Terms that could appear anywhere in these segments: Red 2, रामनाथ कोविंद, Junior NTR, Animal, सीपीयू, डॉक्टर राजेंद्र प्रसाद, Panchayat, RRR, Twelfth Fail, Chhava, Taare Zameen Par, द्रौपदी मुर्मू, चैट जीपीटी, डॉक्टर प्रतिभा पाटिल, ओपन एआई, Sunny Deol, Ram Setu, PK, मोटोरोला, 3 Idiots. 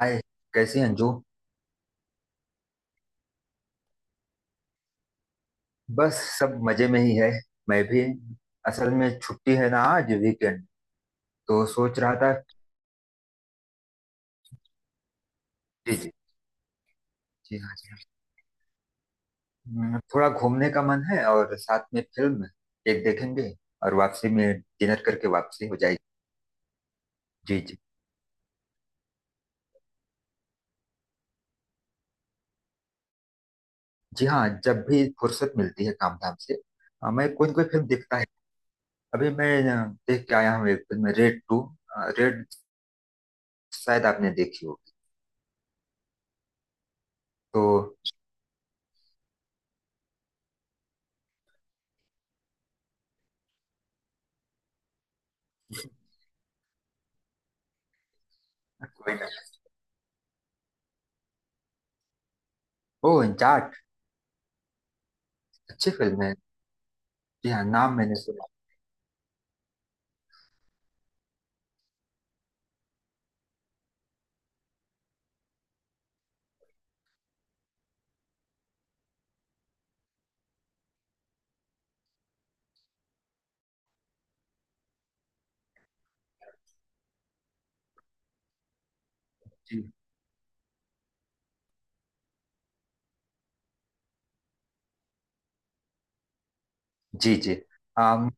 हाय, कैसी हैं अंजू? बस सब मजे में ही है। मैं भी। असल में छुट्टी है ना आज, वीकेंड तो सोच रहा था। जी, जी। जी हाँ, जी हाँ। थोड़ा घूमने का मन है और साथ में फिल्म एक देखेंगे, और वापसी में डिनर करके वापसी हो जाएगी। जी, जी। जी हाँ, जब भी फुर्सत मिलती है काम धाम से। हाँ, मैं कोई ना कोई फिल्म देखता है। अभी मैं देख के आया हूँ एक फिल्म, रेड टू। रेड, शायद आपने देखी होगी। तो। कोई ना। ओ, जाट। अच्छी फिल्म है। जी हाँ, नाम मैंने सुना। जी, जी। जी। अम,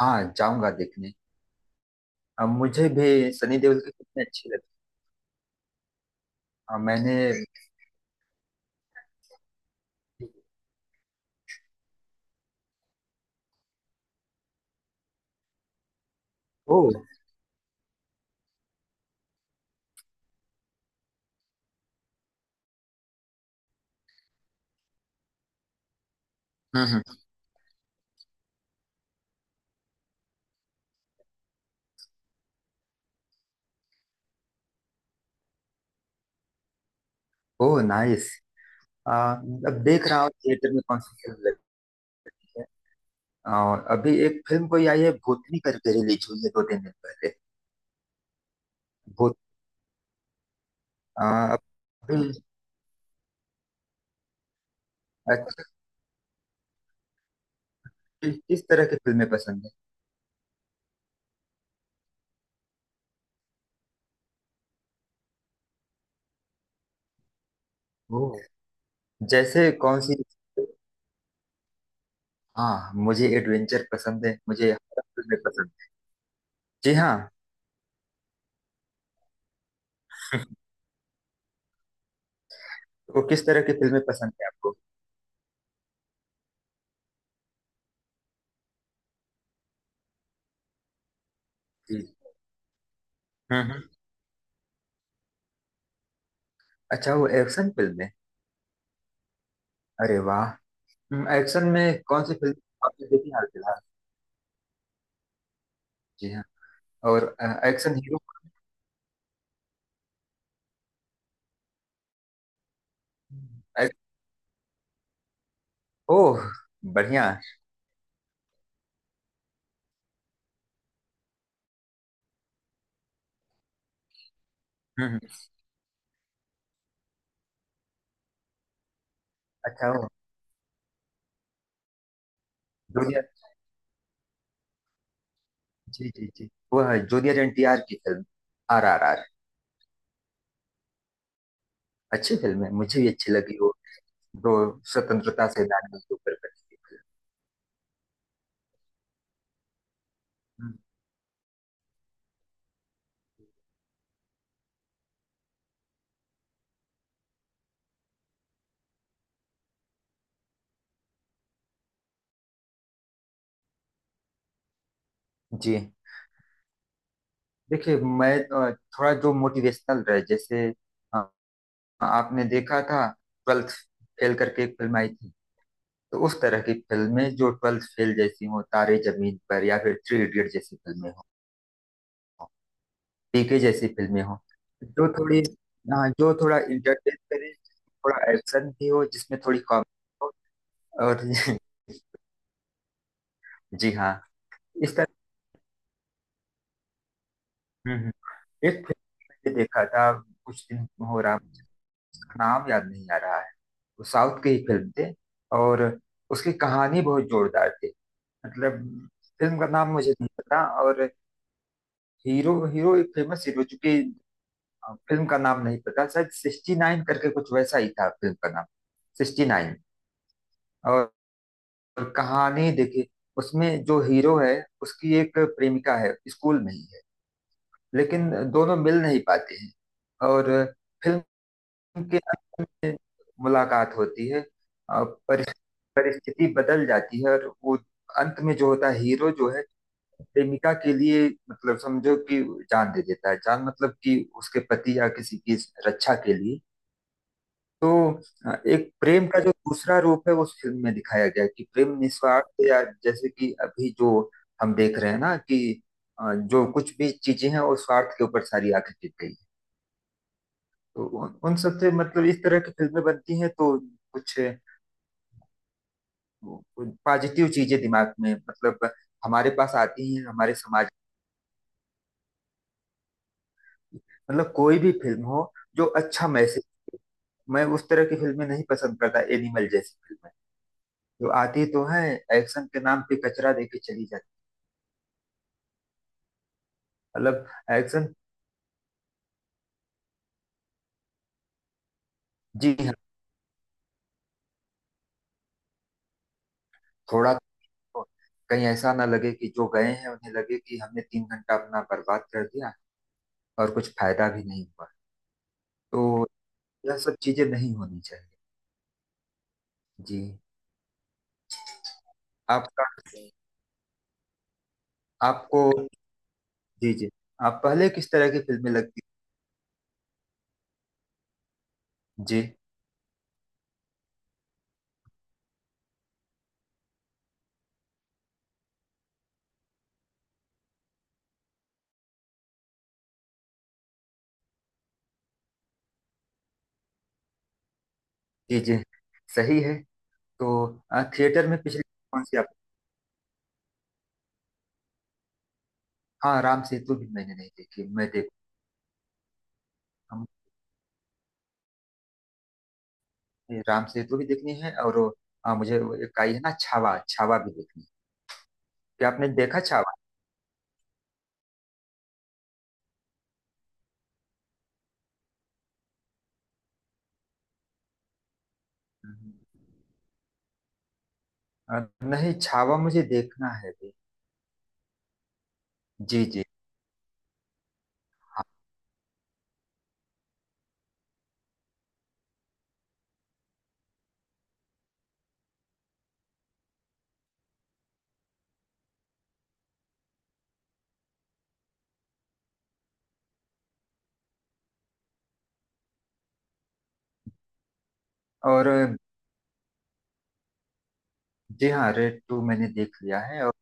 हाँ, जाऊंगा देखने। मुझे भी सनी देओल की कितनी अच्छी लगी। मैंने। ओ। हम्म, हम्म। ओ, नाइस। अब देख रहा हूँ थिएटर में कौन सी फिल्म लगी है। अ, अभी एक फिल्म कोई आई है, भूतनी करके, रिलीज हुई है 2-3 दिन पहले। भूत। अ, अभी। अच्छा, किस किस तरह की फिल्में पसंद है? ओ, जैसे कौन सी? हाँ, मुझे एडवेंचर पसंद है, मुझे हॉरर फिल्में पसंद है। जी हाँ। वो, किस तरह की फिल्में पसंद है आपको? जी, हम्म। अच्छा, वो एक्शन फिल्म है। अरे वाह। एक्शन में कौन सी फिल्म आपने देखी हाल फिलहाल? जी हाँ और एक्शन हीरो। एक। ओह, बढ़िया। हम्म, अच्छा, वो जूनियर। जी, जी, जी। वो है जूनियर एनटीआर की फिल्म RRR। अच्छी फिल्म है, मुझे भी अच्छी लगी वो। दो स्वतंत्रता सेनानियों के ऊपर बनी हुई फिल्म। हम्म, जी। देखिए, मैं थोड़ा जो मोटिवेशनल रहे जैसे। अ, आपने देखा था ट्वेल्थ फेल करके एक फिल्म आई थी। तो उस तरह की फिल्में जो ट्वेल्थ फेल जैसी हो, तारे जमीन पर या फिर थ्री इडियट जैसी फिल्में हो, पीके जैसी फिल्में हो, जो थोड़ी। हाँ, जो थोड़ा इंटरटेन करे, थोड़ा एक्शन भी हो जिसमें थोड़ी कॉमेडी हो, और जी हाँ, इस तरह। हम्म, एक फिल्म मैंने देखा था, कुछ दिन हो रहा मुझे, उसका नाम याद नहीं आ रहा है। वो साउथ की ही फिल्म थी, और उसकी कहानी बहुत जोरदार थी। मतलब फिल्म का नाम मुझे नहीं पता, और हीरो, हीरो एक फेमस हीरो चूंकि। हाँ, फिल्म का नाम नहीं पता, शायद 69 करके कुछ वैसा ही था फिल्म का नाम। 69। और और कहानी देखिए, उसमें जो हीरो है, उसकी एक प्रेमिका है, स्कूल में ही है, लेकिन दोनों मिल नहीं पाते हैं, और फिल्म के अंत में मुलाकात होती है, और परिस्थिति बदल जाती है, और वो अंत में जो होता है, हीरो जो है, प्रेमिका के लिए, मतलब समझो कि जान दे देता है, जान मतलब कि उसके पति या किसी की रक्षा के लिए। तो एक प्रेम का जो दूसरा रूप है वो उस फिल्म में दिखाया गया है कि प्रेम निस्वार्थ, या जैसे कि अभी जो हम देख रहे हैं ना कि जो कुछ भी चीजें हैं वो स्वार्थ के ऊपर सारी आके टिक गई है। तो उन उन सबसे मतलब इस तरह की फिल्में बनती हैं, तो कुछ पॉजिटिव चीजें दिमाग में, मतलब हमारे पास आती हैं हमारे समाज की। मतलब कोई भी फिल्म हो, जो अच्छा मैसेज। मैं उस तरह की फिल्में नहीं पसंद करता, एनिमल जैसी फिल्में जो आती तो है, एक्शन के नाम पे कचरा देके चली जाती। मतलब एक्शन। जी हाँ। थोड़ा, तो कहीं ऐसा ना लगे कि जो गए हैं उन्हें लगे कि हमने 3 घंटा अपना बर्बाद कर दिया, और कुछ फायदा भी नहीं हुआ। तो यह सब चीजें नहीं होनी चाहिए। जी। आपका, आपको। जी, जी। आप पहले किस तरह की फिल्में लगती। जी, जी, जी। सही है। तो थिएटर में पिछली कौन सी आप। हाँ, राम सेतु भी मैंने नहीं देखी, मैं देख। हम। राम सेतु भी देखनी है और वो, मुझे वो एक आई है ना छावा, छावा भी देखनी है। क्या आपने देखा छावा? हम्म। नहीं, छावा मुझे देखना है भी। जी, जी। हाँ और, जी हाँ, रेड टू मैंने देख लिया है, और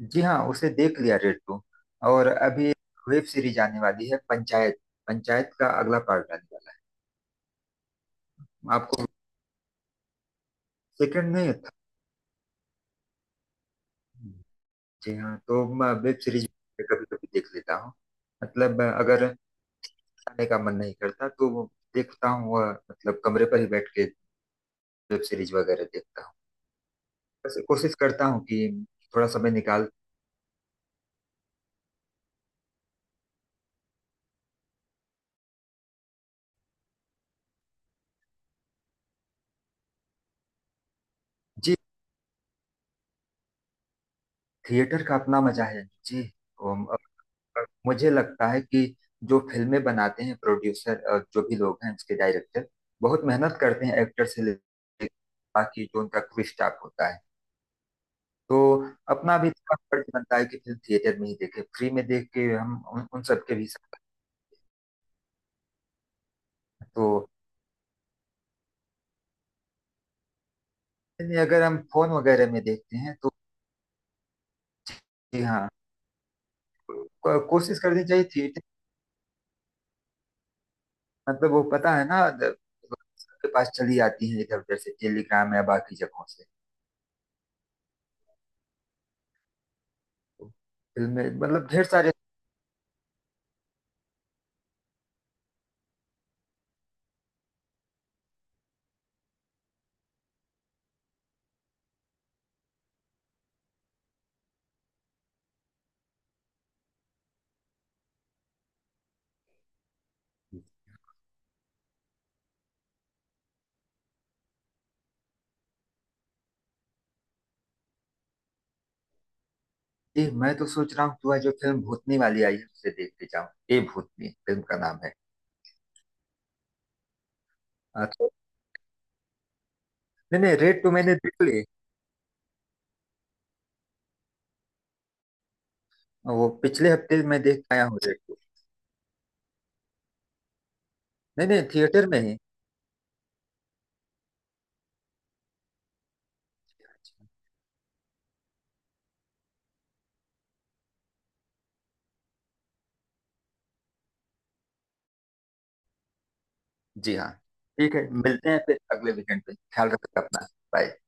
जी हाँ, उसे देख लिया रेड टू। और अभी वेब सीरीज आने वाली है पंचायत। पंचायत का अगला पार्ट आने वाला है आपको। सेकंड नहीं था। जी हाँ, तो मैं वेब सीरीज कभी कभी देख लेता हूँ। मतलब अगर जाने का मन नहीं करता तो वो देखता हूँ, वह मतलब कमरे पर ही बैठ के वेब सीरीज वगैरह देखता हूँ। बस कोशिश करता हूँ कि थोड़ा समय निकाल। जी। थिएटर का अपना मजा है जी। उम, अ, मुझे लगता है कि जो फिल्में बनाते हैं प्रोड्यूसर, जो भी लोग हैं, उसके डायरेक्टर, बहुत मेहनत करते हैं एक्टर से लेकर बाकी जो उनका क्रू स्टाफ होता है। तो अपना भी थोड़ा फर्ज बनता है कि फिल्म थिएटर में ही देखें, फ्री में देख के हम उन सबके भी साथ। तो यानी अगर हम फोन वगैरह में देखते हैं तो, जी हाँ, कोशिश करनी चाहिए थिएटर। मतलब वो पता है ना सबके पास चली आती है इधर उधर से, टेलीग्राम या बाकी जगहों से फिल्में, मतलब ढेर सारे। मैं तो सोच रहा हूँ तू आज जो फिल्म भूतनी वाली आई है उसे देखते जाऊँ। ए, भूतनी फिल्म का नाम है। हाँ, तो नहीं नहीं, रेड टू मैंने देख ली। वो पिछले हफ्ते मैं देख आया हूँ रेड टू। नहीं नहीं, थिएटर में ही। जी हाँ, ठीक है, मिलते हैं फिर अगले वीकेंड पे। ख्याल रखना अपना। बाय।